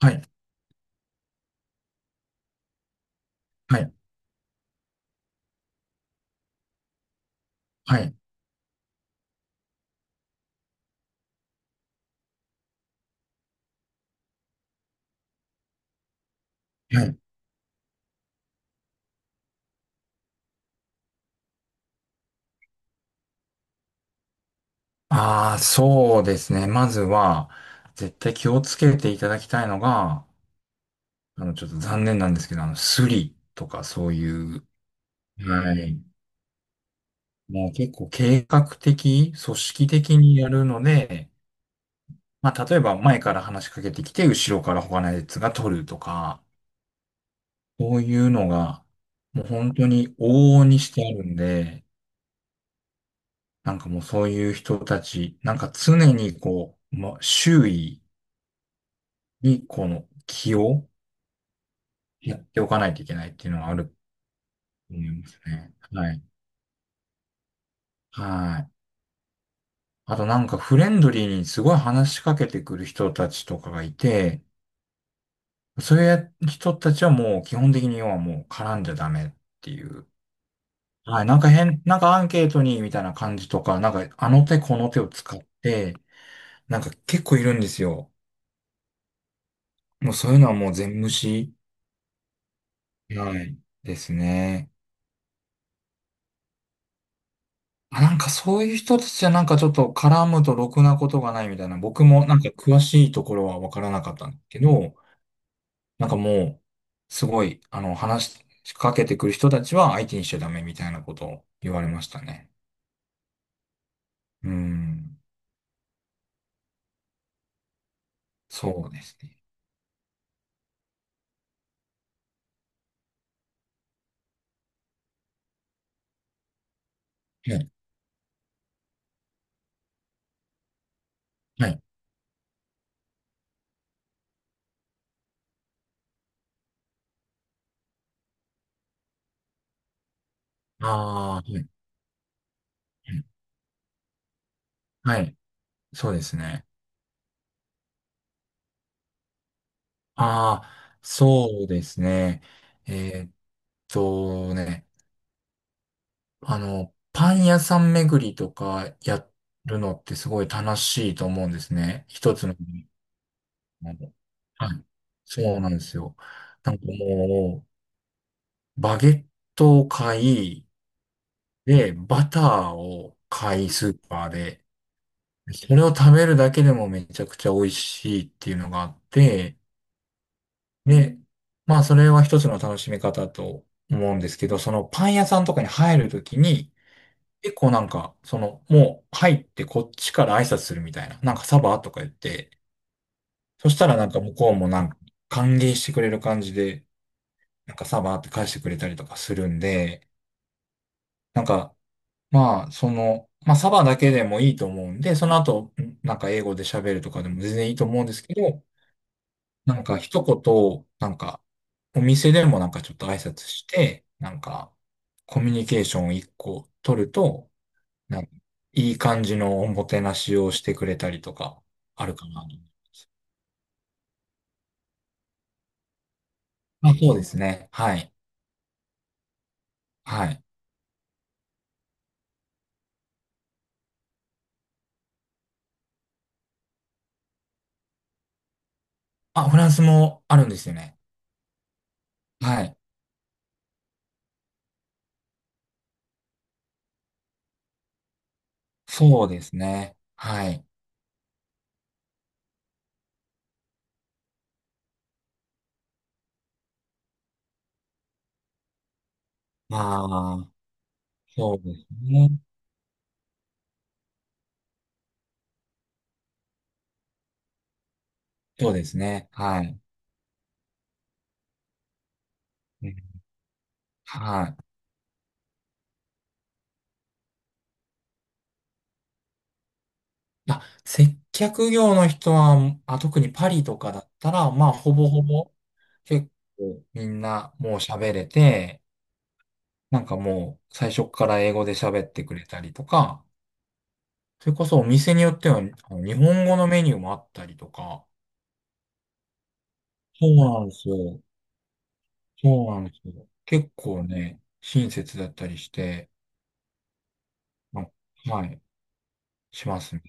はい、はい、はい、はい。ああ、そうですね。まずは、絶対気をつけていただきたいのが、ちょっと残念なんですけど、スリとかそういう、はい。もう結構計画的、組織的にやるので、まあ、例えば前から話しかけてきて、後ろから他のやつが取るとか、そういうのが、もう本当に往々にしてあるんで、なんかもうそういう人たち、なんか常にこう、まあ、周囲、に、この気をやっておかないといけないっていうのはあると思いますね。はい。はい。あとなんかフレンドリーにすごい話しかけてくる人たちとかがいて、そういう人たちはもう基本的に要はもう絡んじゃダメっていう。はい。なんか変、なんかアンケートにみたいな感じとか、なんかあの手この手を使って、なんか結構いるんですよ。もうそういうのはもう全無視。はい。ですね。まあなんかそういう人たちはなんかちょっと絡むとろくなことがないみたいな、僕もなんか詳しいところはわからなかったんだけど、なんかもう、すごい、話しかけてくる人たちは相手にしちゃダメみたいなことを言われましたね。うーん、そうですね。はい、はい。ああ、はい、はい、はいそうですね。ああ、そうですね。えーっとね。パン屋さん巡りとかやるのってすごい楽しいと思うんですね。一つの。あのはい。そうなんですよ。なんかもう、バゲットを買い、で、バターを買い、スーパーで。それを食べるだけでもめちゃくちゃ美味しいっていうのがあって、で、まあそれは一つの楽しみ方と思うんですけど、そのパン屋さんとかに入るときに、結構なんか、その、もう入ってこっちから挨拶するみたいな。なんかサバとか言って、そしたらなんか向こうもなんか歓迎してくれる感じで、なんかサバって返してくれたりとかするんで、なんか、まあ、その、まあサバだけでもいいと思うんで、その後、なんか英語で喋るとかでも全然いいと思うんですけど、なんか一言、なんか、お店でもなんかちょっと挨拶して、なんか、コミュニケーションを一個取ると、なんかいい感じのおもてなしをしてくれたりとか、あるかなと。あ、そうですね。はい。はい。あ、フランスもあるんですよね。はい。そうですね。はい。まあ、そうですね。そうですね。はい。うんはい。あ、接客業の人は、あ、特にパリとかだったら、まあ、ほぼほぼ、結構みんなもう喋れて、なんかもう最初から英語で喋ってくれたりとか、それこそお店によっては、日本語のメニューもあったりとか、そうなんですよ。そうなんですよ。結構ね、親切だったりして、あはい、しますね。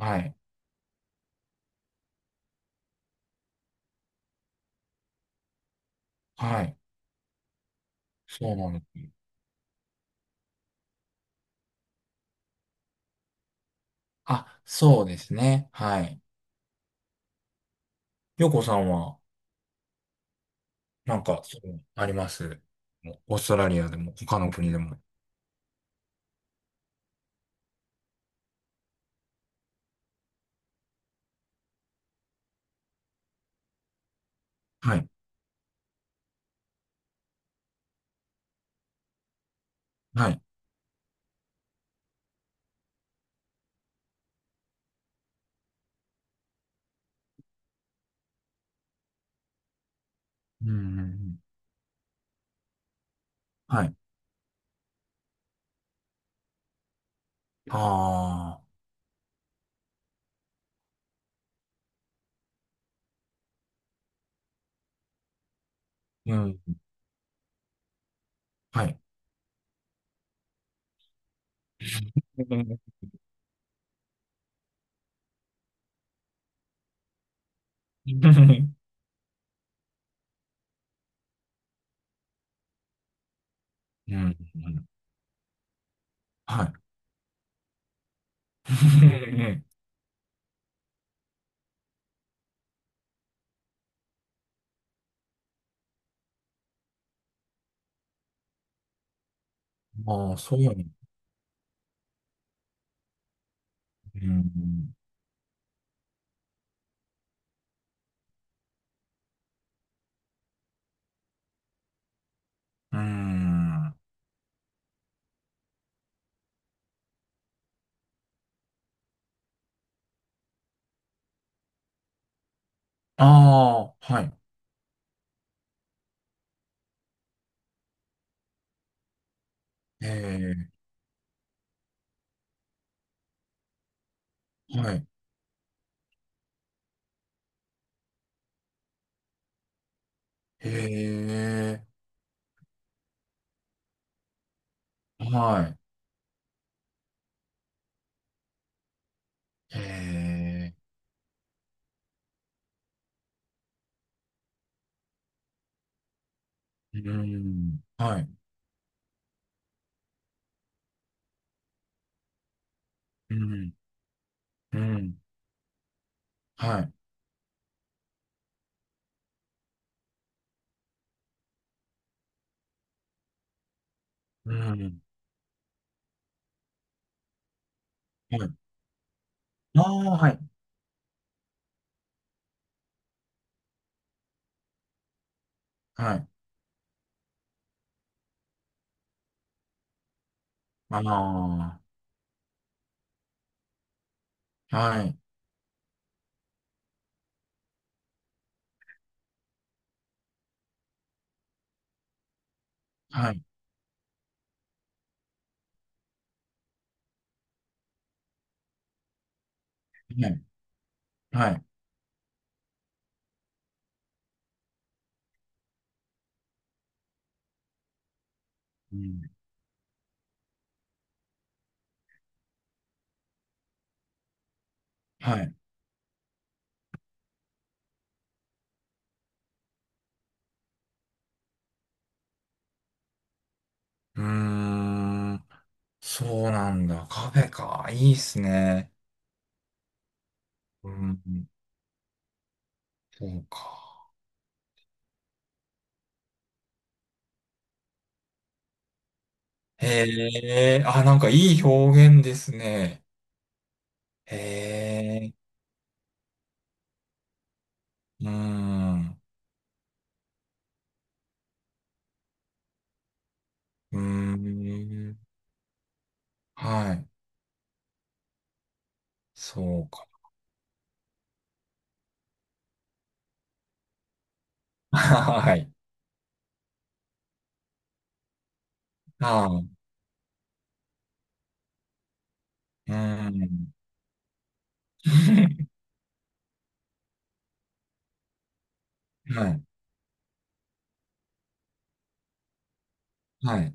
はい、はい、そうなんです。あ、そうですね。はい。よこさんは、なんか、そう、ありますオーストラリアでも、他の国でも。はい、はい。うん、うんうん、はい。ああ、うん、はい。うん、うん、うんはい。ああ、そうなの。うん。うん。ああ、はい。ええ、はい。ええ、はい。ええ、うん。はい。うん。うん。はい。うん。はい。ああ、はい。はい。ああ、はい。はい。はい。はい。うん。はい。うーん。そうなんだ。カフェか。いいっすね。うん。そうか。へえ、あ、なんかいい表現ですね。へえ、うーん、うーん、はい、そうか。はい、あー、うーん、はい、はい、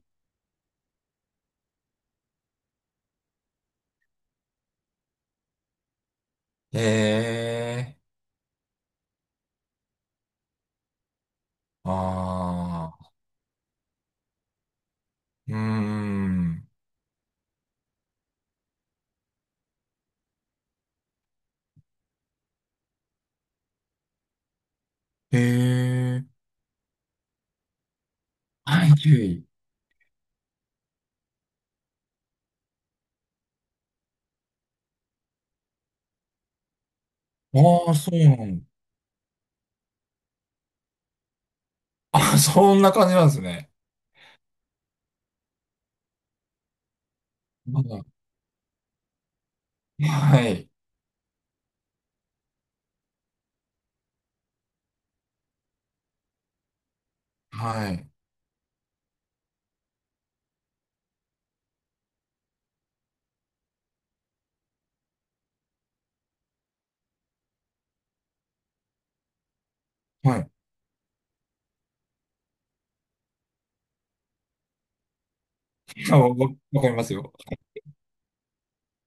へえ、ああ、うーん、へえ、はい、注意。ああ、そうなんだ。あ、そんな感じなんですね。はいはい、はい、はい。あわわかりますよ。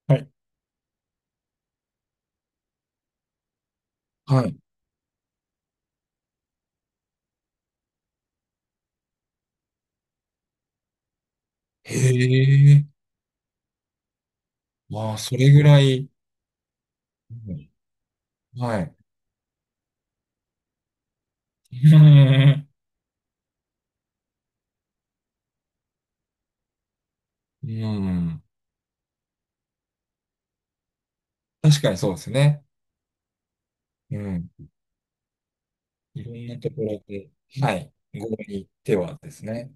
はい。はい。へえ。まあ、それぐらい、うんはい。うん。確かにそうですね。うん。いろんなところで、はい。合理ではですね。